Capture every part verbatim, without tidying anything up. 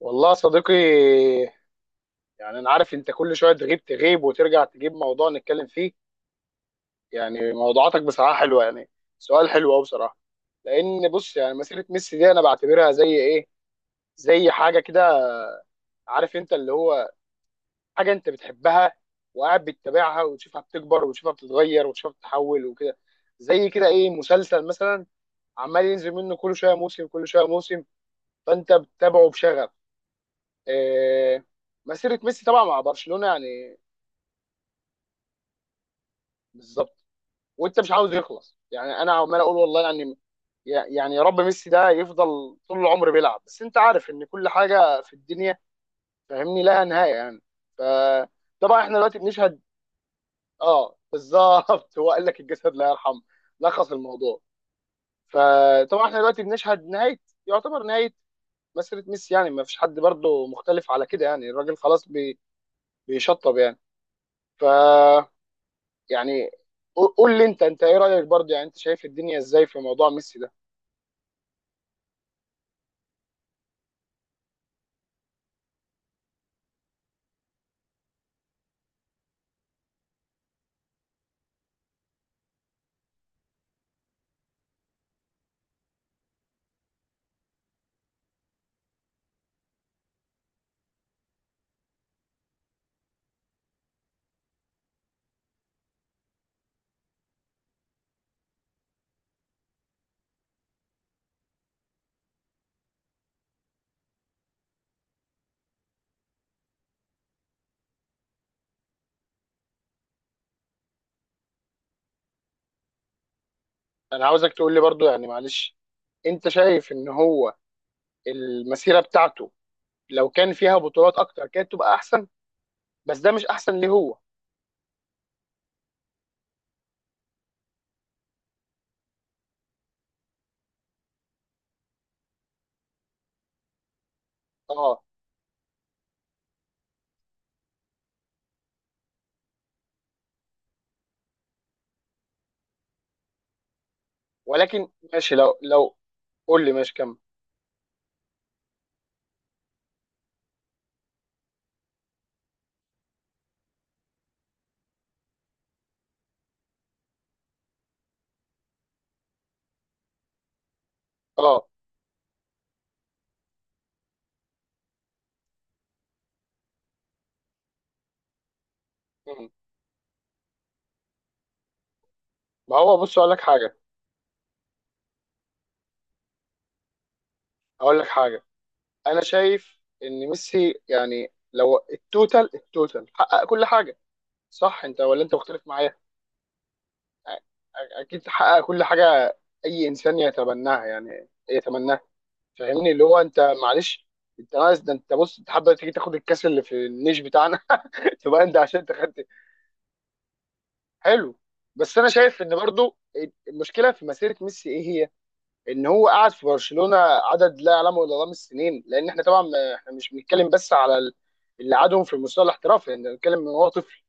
والله يا صديقي، يعني انا عارف انت كل شويه تغيب تغيب وترجع تجيب موضوع نتكلم فيه. يعني موضوعاتك بصراحه حلوه، يعني سؤال حلو قوي بصراحه. لان بص، يعني مسيره ميسي دي انا بعتبرها زي ايه، زي حاجه كده، عارف انت اللي هو حاجه انت بتحبها وقاعد بتتابعها وتشوفها بتكبر وتشوفها بتتغير وتشوفها بتتحول وكده، زي كده ايه مسلسل مثلا عمال ينزل منه كل شويه موسم كل شويه موسم، فانت بتتابعه بشغف. إيه، مسيره ميسي طبعا مع برشلونه يعني. بالظبط، وانت مش عاوز يخلص يعني، انا عمال اقول والله يعني يعني يا رب ميسي ده يفضل طول العمر بيلعب، بس انت عارف ان كل حاجه في الدنيا فاهمني لها نهايه يعني. فطبعا احنا دلوقتي بنشهد. اه بالظبط هو قال لك الجسد لا يرحم. لخص الموضوع. فطبعا احنا دلوقتي بنشهد نهايه، يعتبر نهايه مسيره ميسي، يعني ما فيش حد برضه مختلف على كده، يعني الراجل خلاص بي بيشطب يعني. ف يعني قول لي انت انت ايه رايك برضه، يعني انت شايف الدنيا ازاي في موضوع ميسي ده؟ انا عاوزك تقول لي برضو، يعني معلش، انت شايف ان هو المسيره بتاعته لو كان فيها بطولات اكتر كانت تبقى احسن، بس ده مش احسن ليه هو؟ اه ولكن ماشي، لو لو قول لي ماشي كمل. اه مم. ما هو بص اقول لك حاجه. اقول لك حاجه انا شايف ان ميسي، يعني لو التوتال التوتال حقق كل حاجه. صح انت ولا انت مختلف معايا؟ أ- اكيد حقق كل حاجه، اي انسان يتبناها يعني يتمناها. فاهمني اللي هو، انت معلش، انت عايز ده، انت بص، انت حابب تيجي تاخد الكاس اللي في النيش بتاعنا تبقى انت عشان انت خدت. حلو. بس انا شايف ان برضو المشكله في مسيره ميسي ايه هي؟ ان هو قعد في برشلونه عدد لا يعلمه الا الله من السنين، لان احنا طبعا ما- احنا مش بنتكلم بس على ال- اللي قعدهم في المستوى الاحترافي، احنا بنتكلم ان هو طفل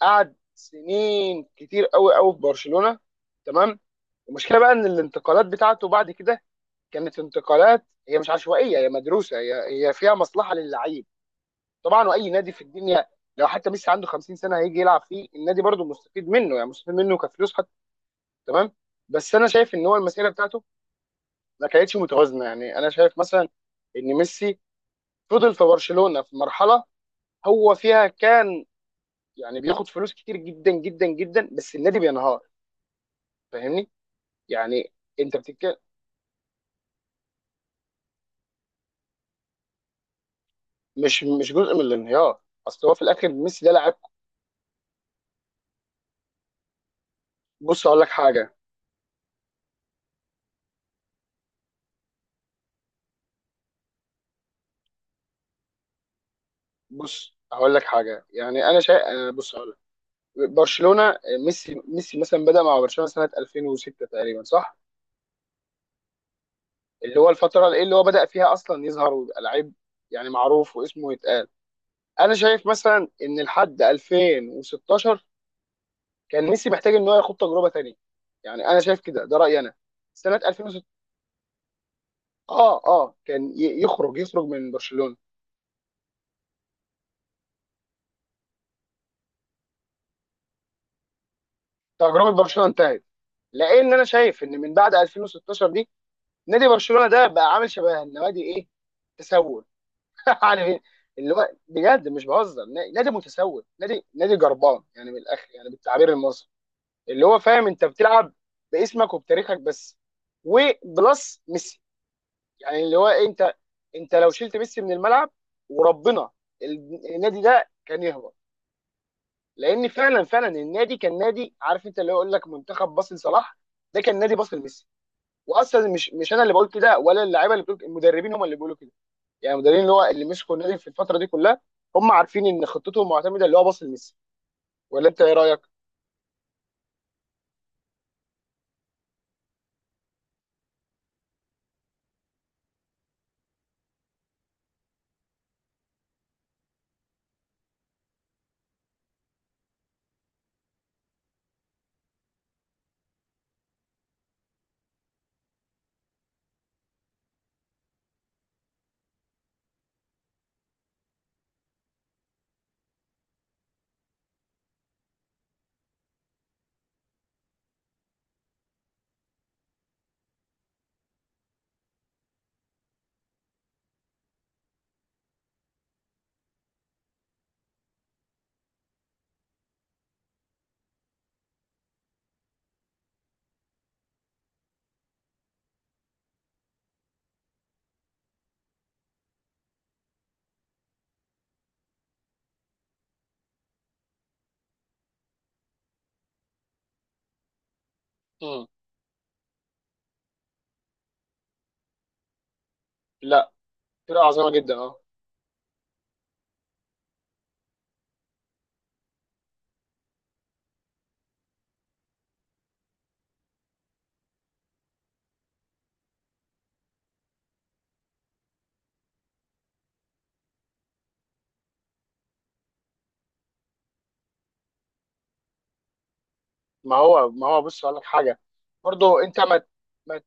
قعد سنين كتير قوي قوي في برشلونه. تمام. المشكله بقى ان الانتقالات بتاعته بعد كده كانت انتقالات، هي مش عشوائيه، هي مدروسه، هي هي فيها مصلحه للعيب. طبعا، واي نادي في الدنيا لو حتى ميسي عنده 50 سنه هيجي يلعب فيه النادي برضه مستفيد منه، يعني مستفيد منه كفلوس حتى. تمام. بس انا شايف ان هو المسيره بتاعته ما كانتش متوازنه. يعني انا شايف مثلا ان ميسي فضل في برشلونه في مرحله هو فيها كان، يعني بياخد فلوس كتير جدا جدا جدا بس النادي بينهار. فاهمني، يعني انت بتتكلم. مش مش جزء من الانهيار، اصل هو في الاخر ميسي ده لاعب. بص اقول لك حاجه. بص هقول لك حاجه، يعني انا شايف، بص هقول لك. برشلونه، آه، ميسي ميسي مثلا بدا مع برشلونه سنه ألفين وستة تقريبا، صح؟ اللي هو الفتره اللي إيه اللي هو بدا فيها اصلا يظهر ويبقى لعيب، يعني معروف واسمه يتقال. انا شايف مثلا ان لحد ألفين وستاشر كان ميسي محتاج ان هو ياخد تجربه تانيه، يعني انا شايف كده، ده رايي انا. سنه ألفين وستة اه اه كان ي- يخرج يخرج من برشلونه، تجربه برشلونه انتهت، لان انا شايف ان من بعد ألفين وستاشر نادي برشلونه ده بقى عامل شبه النوادي ايه، تسول يعني اللي هو بجد مش بهزر، نا- نادي متسول، نادي نادي جربان يعني، من الاخر يعني بالتعبير المصري، اللي هو فاهم، انت بتلعب باسمك وبتاريخك بس وبلس ميسي. يعني اللي هو إيه، انت انت لو شلت ميسي من الملعب وربنا ال- النادي ده كان يهبط. لان فعلا فعلا النادي كان نادي عارف انت اللي هو يقول لك منتخب باص لصلاح، ده كان نادي باص لميسي. واصلا مش مش انا اللي بقول كده ولا اللعيبه اللي بتقول، المدربين هم اللي بيقولوا كده. يعني المدربين اللي هو اللي مسكوا النادي في الفتره دي كلها هم عارفين ان خطتهم معتمده اللي هو باص لميسي. ولا انت ايه رايك؟ مم. لا، فرقه عظيمه جدا اه. ما هو ما هو بص اقول لك حاجه. برضو انت ما ما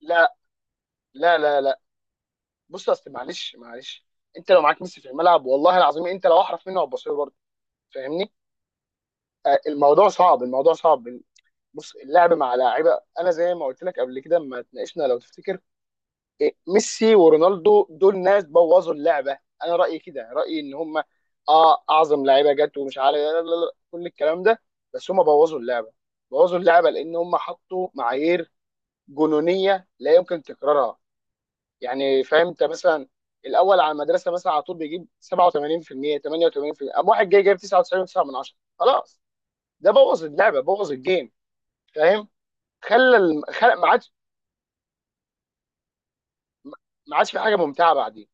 لا لا لا لا. بص، اصل معلش معلش، انت لو معاك ميسي في الملعب والله العظيم انت لو احرف منه هتبص له برضه. فاهمني. آه، الموضوع صعب، الموضوع صعب. بص، اللعب مع لاعيبه انا زي ما قلت لك قبل كده لما اتناقشنا لو تفتكر، ميسي ورونالدو دول ناس بوظوا اللعبه. انا رايي كده، رايي ان هم اه اعظم لعيبه جت ومش عارف، لا لا لا، كل الكلام ده. بس هم بوظوا اللعبه، بوظوا اللعبه لان هم حطوا معايير جنونيه لا يمكن تكرارها. يعني فاهم انت؟ مثلا الاول على المدرسه مثلا على طول بيجيب سبعة وثمانين في المية تمانية وثمانين بالمية، قام واحد جاي جايب تسعة وتسعين فاصلة تسعة من عشرة. خلاص، ده بوظ اللعبه، بوظ الجيم. فاهم. خلى الم- خلى ما عادش ما عادش في حاجه ممتعه بعدين.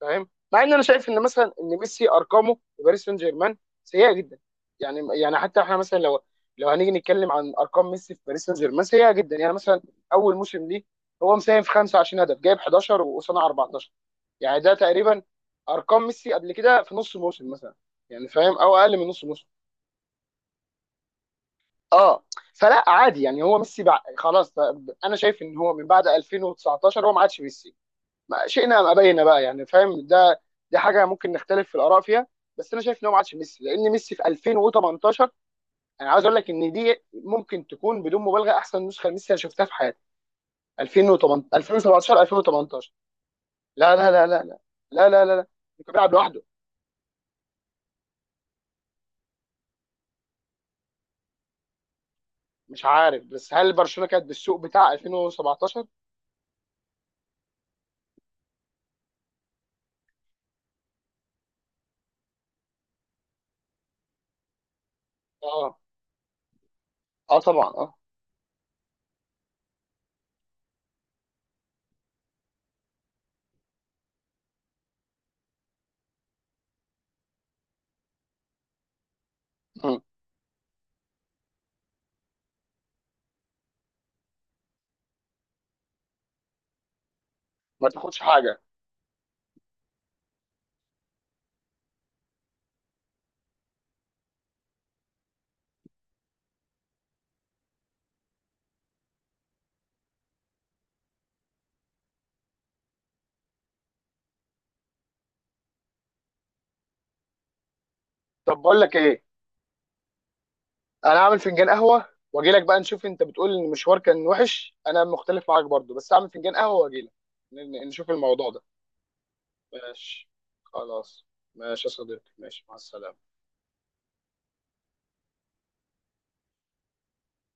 فاهم، مع ان انا شايف ان مثلا ان ميسي ارقامه في باريس سان جيرمان سيئه جدا. يعني يعني حتى احنا مثلا لو لو هنيجي نتكلم عن ارقام ميسي في باريس سان جيرمان سيئه جدا، يعني مثلا اول موسم ليه هو مساهم في 25 هدف، جايب احداشر وصنع اربعة عشر. يعني ده تقريبا ارقام ميسي قبل كده في نص موسم مثلا، يعني فاهم، او اقل من نص موسم. اه فلا عادي يعني. هو ميسي بقى خلاص. ف- انا شايف ان هو من بعد ألفين وتسعتاشر هو ما عادش ميسي، ما شئنا ام ابينا بقى، يعني فاهم ده؟ دي حاجه ممكن نختلف في الاراء فيها. بس انا شايف ان هو ما عادش ميسي، لان ميسي في ألفين وتمنتاشر انا عاوز اقول لك ان دي ممكن تكون بدون مبالغه احسن نسخه لميسي انا شفتها في حياتي. ألفين وتمنتاشر، ألفين وسبعتاشر، ألفين وتمنتاشر. لا لا لا لا لا، لا لا لا لا. كان بيلعب لوحده. مش عارف، بس هل برشلونه كانت بالسوق بتاع ألفين وسبعتاشر؟ اه اه طبعا اه. مم. ما تاخدش حاجه. طب بقول لك ايه، انا اعمل فنجان قهوه واجي لك بقى نشوف. انت بتقول ان المشوار كان وحش، انا مختلف معاك برضو. بس اعمل فنجان قهوه واجي لك نشوف الموضوع ده. ماشي، خلاص. ماشي يا صديقي، ماشي، مع السلامه.